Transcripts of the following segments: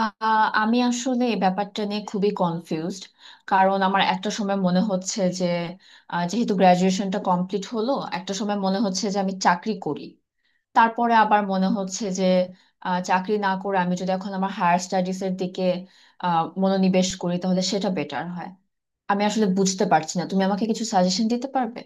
আহ, আমি আসলে এই ব্যাপারটা নিয়ে খুবই কনফিউজড। কারণ আমার একটা সময় মনে হচ্ছে যে যেহেতু গ্রাজুয়েশনটা কমপ্লিট হলো, একটা সময় মনে হচ্ছে যে আমি চাকরি করি। তারপরে আবার মনে হচ্ছে যে চাকরি না করে আমি যদি এখন আমার হায়ার স্টাডিজ এর দিকে মনোনিবেশ করি তাহলে সেটা বেটার হয়। আমি আসলে বুঝতে পারছি না, তুমি আমাকে কিছু সাজেশন দিতে পারবে?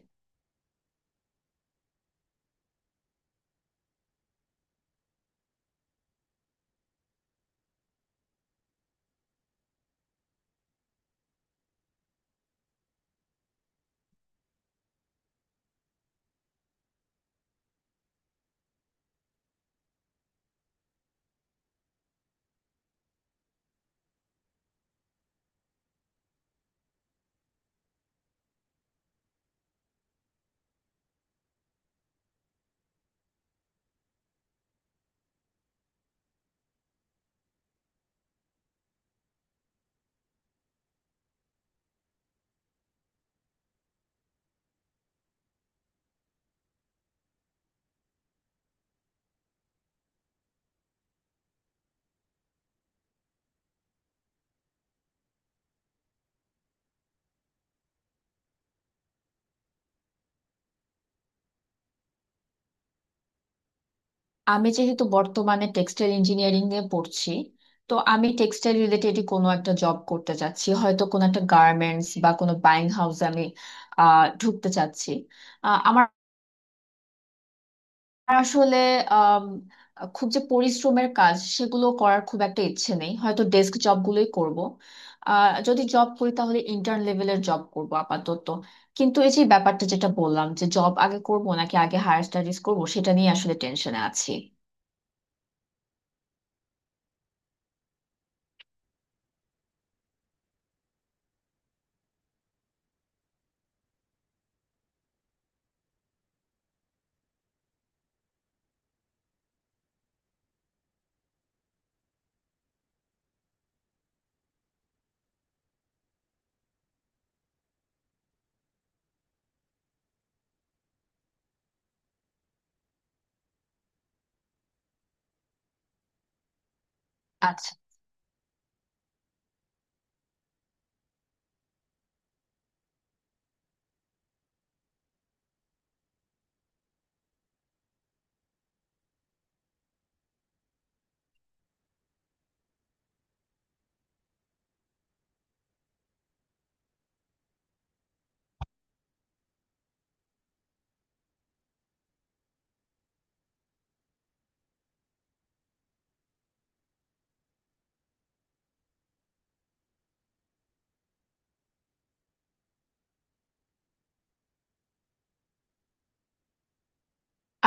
আমি যেহেতু বর্তমানে টেক্সটাইল ইঞ্জিনিয়ারিং এ পড়ছি, তো আমি টেক্সটাইল রিলেটেড কোনো একটা জব করতে চাচ্ছি, হয়তো কোনো একটা গার্মেন্টস বা কোনো বাইং হাউসে আমি ঢুকতে চাচ্ছি। আহ, আমার আসলে আম, খুব যে পরিশ্রমের কাজ সেগুলো করার খুব একটা ইচ্ছে নেই, হয়তো ডেস্ক জবগুলোই করব। যদি জব করি তাহলে ইন্টার্ন লেভেলের জব করব আপাতত। কিন্তু এই যে ব্যাপারটা যেটা বললাম, যে জব আগে করব নাকি আগে হায়ার স্টাডিজ করব, সেটা নিয়ে আসলে টেনশনে আছি। আচ্ছা,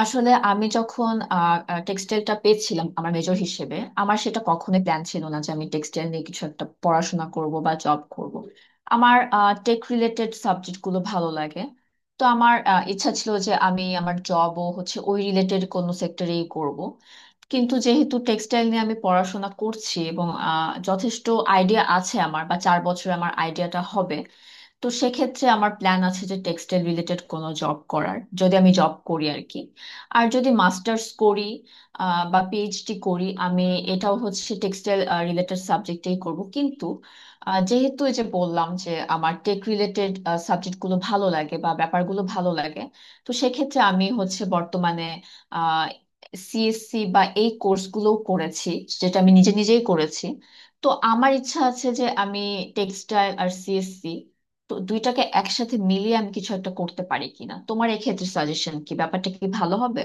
আসলে আমি যখন টেক্সটাইলটা পেয়েছিলাম আমার মেজর হিসেবে, আমার সেটা কখনোই প্ল্যান ছিল না যে আমি টেক্সটাইল নিয়ে কিছু একটা পড়াশোনা করব বা জব করব। আমার টেক রিলেটেড সাবজেক্টগুলো ভালো লাগে। তো আমার ইচ্ছা ছিল যে আমি আমার জবও হচ্ছে ওই রিলেটেড কোনো সেক্টরেই করব। কিন্তু যেহেতু টেক্সটাইল নিয়ে আমি পড়াশোনা করছি এবং যথেষ্ট আইডিয়া আছে আমার, বা চার বছরে আমার আইডিয়াটা হবে, তো সেক্ষেত্রে আমার প্ল্যান আছে যে টেক্সটাইল রিলেটেড কোনো জব করার, যদি আমি জব করি আর কি। আর যদি মাস্টার্স করি বা পিএইচডি করি, আমি এটাও হচ্ছে টেক্সটাইল রিলেটেড সাবজেক্টেই করব। কিন্তু যেহেতু এই যে বললাম যে আমার টেক রিলেটেড সাবজেক্টগুলো ভালো লাগে বা ব্যাপারগুলো ভালো লাগে, তো সেক্ষেত্রে আমি হচ্ছে বর্তমানে সিএসসি বা এই কোর্সগুলো করেছি, যেটা আমি নিজে নিজেই করেছি। তো আমার ইচ্ছা আছে যে আমি টেক্সটাইল আর সিএসসি, তো দুইটাকে একসাথে মিলিয়ে আমি কিছু একটা করতে পারি কিনা। তোমার এক্ষেত্রে সাজেশন কি, ব্যাপারটা কি ভালো হবে?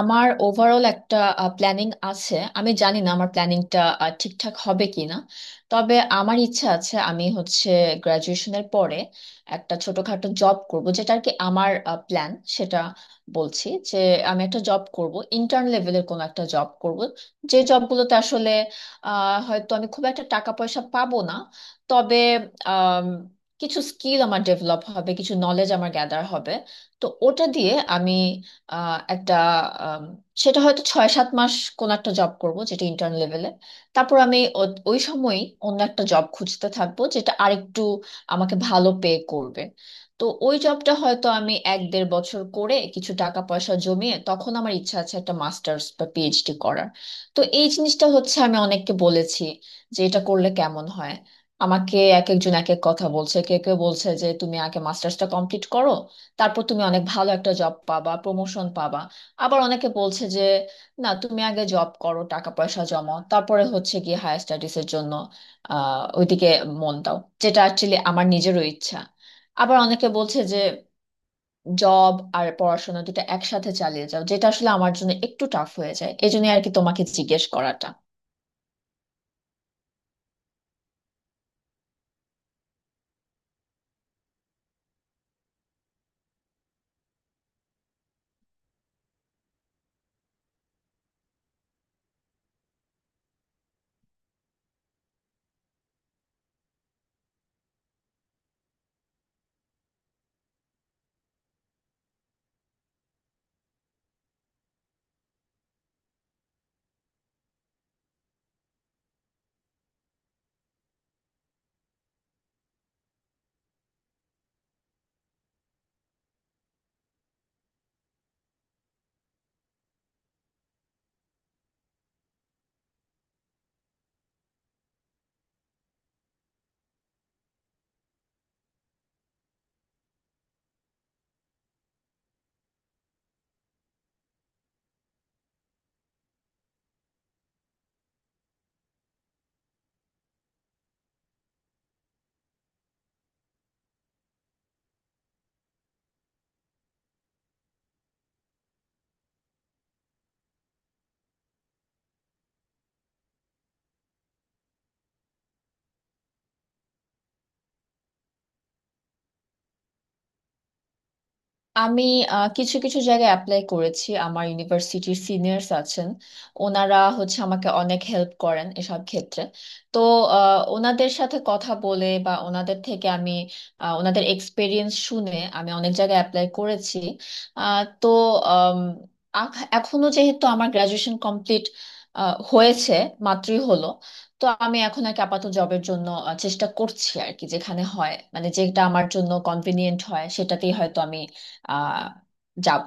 আমার ওভারঅল একটা প্ল্যানিং আছে, আমি জানি না আমার প্ল্যানিংটা ঠিকঠাক হবে কিনা। তবে আমার ইচ্ছা আছে আমি হচ্ছে গ্রাজুয়েশনের পরে একটা ছোটখাটো জব করব, যেটা আর কি আমার প্ল্যান। সেটা বলছি যে আমি একটা জব করব, ইন্টার্ন লেভেলের কোনো একটা জব করব, যে জবগুলোতে আসলে হয়তো আমি খুব একটা টাকা পয়সা পাবো না, তবে আম, কিছু স্কিল আমার ডেভেলপ হবে, কিছু নলেজ আমার গ্যাদার হবে। তো ওটা দিয়ে আমি আহ, একটা আম, সেটা হয়তো ছয় সাত মাস কোন একটা জব করব যেটা ইন্টার্ন লেভেলে। তারপর আমি ওই সময়ই অন্য একটা জব খুঁজতে থাকবো, যেটা আরেকটু আমাকে ভালো পে করবে। তো ওই জবটা হয়তো আমি এক দেড় বছর করে কিছু টাকা পয়সা জমিয়ে, তখন আমার ইচ্ছা আছে একটা মাস্টার্স বা পিএইচডি করার। তো এই জিনিসটা হচ্ছে আমি অনেককে বলেছি যে এটা করলে কেমন হয়। আমাকে এক একজন এক এক কথা বলছে। কেউ কেউ বলছে যে তুমি আগে মাস্টার্সটা কমপ্লিট করো, তারপর তুমি অনেক ভালো একটা জব পাবা, প্রমোশন পাবা। আবার অনেকে বলছে যে না, তুমি আগে জব করো, টাকা পয়সা জমাও, তারপরে হচ্ছে গিয়ে হায়ার স্টাডিজের জন্য ওইদিকে মন দাও, যেটা অ্যাকচুয়ালি আমার নিজেরও ইচ্ছা। আবার অনেকে বলছে যে জব আর পড়াশোনা দুটো একসাথে চালিয়ে যাও, যেটা আসলে আমার জন্য একটু টাফ হয়ে যায়। এই জন্য আর কি তোমাকে জিজ্ঞেস করাটা। আমি কিছু কিছু জায়গায় অ্যাপ্লাই করেছি। আমার ইউনিভার্সিটির সিনিয়র্স আছেন, ওনারা হচ্ছে আমাকে অনেক হেল্প করেন এসব ক্ষেত্রে। তো ওনাদের সাথে কথা বলে বা ওনাদের থেকে আমি ওনাদের এক্সপিরিয়েন্স শুনে আমি অনেক জায়গায় অ্যাপ্লাই করেছি। আহ, তো আম, আখ- এখনো যেহেতু আমার গ্রাজুয়েশন কমপ্লিট হয়েছে, মাত্রই হলো, তো আমি এখন আর কি আপাতত জবের জন্য চেষ্টা করছি আর কি। যেখানে হয় মানে যেটা আমার জন্য কনভিনিয়েন্ট হয় সেটাতেই হয়তো আমি আহ যাব।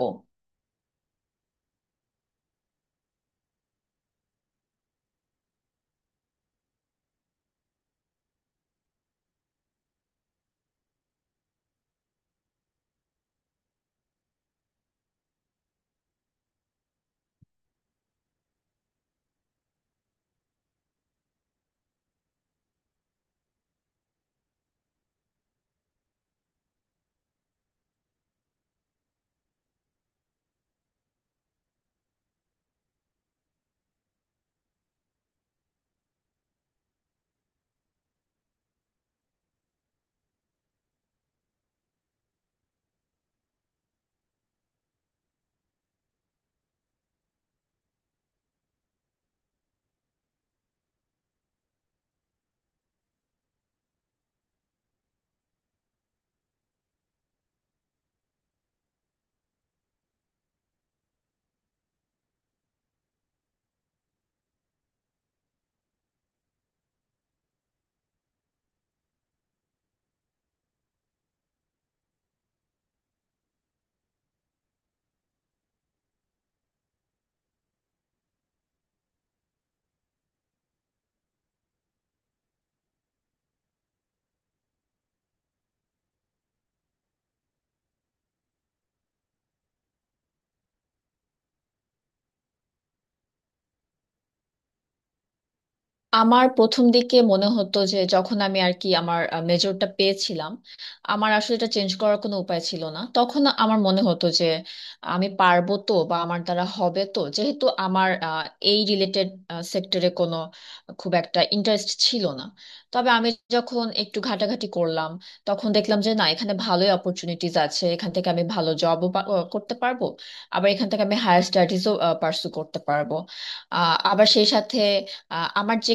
আমার প্রথম দিকে মনে হতো যে, যখন আমি আর কি আমার মেজরটা পেয়েছিলাম, আমার আসলে এটা চেঞ্জ করার কোনো উপায় ছিল না, তখন আমার মনে হতো যে আমি পারবো তো, বা আমার দ্বারা হবে তো, যেহেতু আমার এই রিলেটেড সেক্টরে কোনো খুব একটা ইন্টারেস্ট ছিল না। তবে আমি যখন একটু ঘাটাঘাটি করলাম, তখন দেখলাম যে না, এখানে ভালোই অপরচুনিটিজ আছে, এখান থেকে আমি ভালো জবও করতে পারবো, আবার এখান থেকে আমি হায়ার স্টাডিজও পার্সু করতে পারবো। আবার সেই সাথে আমার যে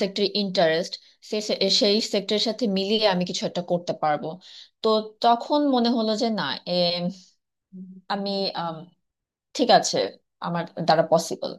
সেক্টর ইন্টারেস্ট, সে সে- সেই সেক্টরের সাথে মিলিয়ে আমি কিছু একটা করতে পারবো। তো তখন মনে হলো যে না, এ, আমি আম, ঠিক আছে, আমার দ্বারা পসিবল।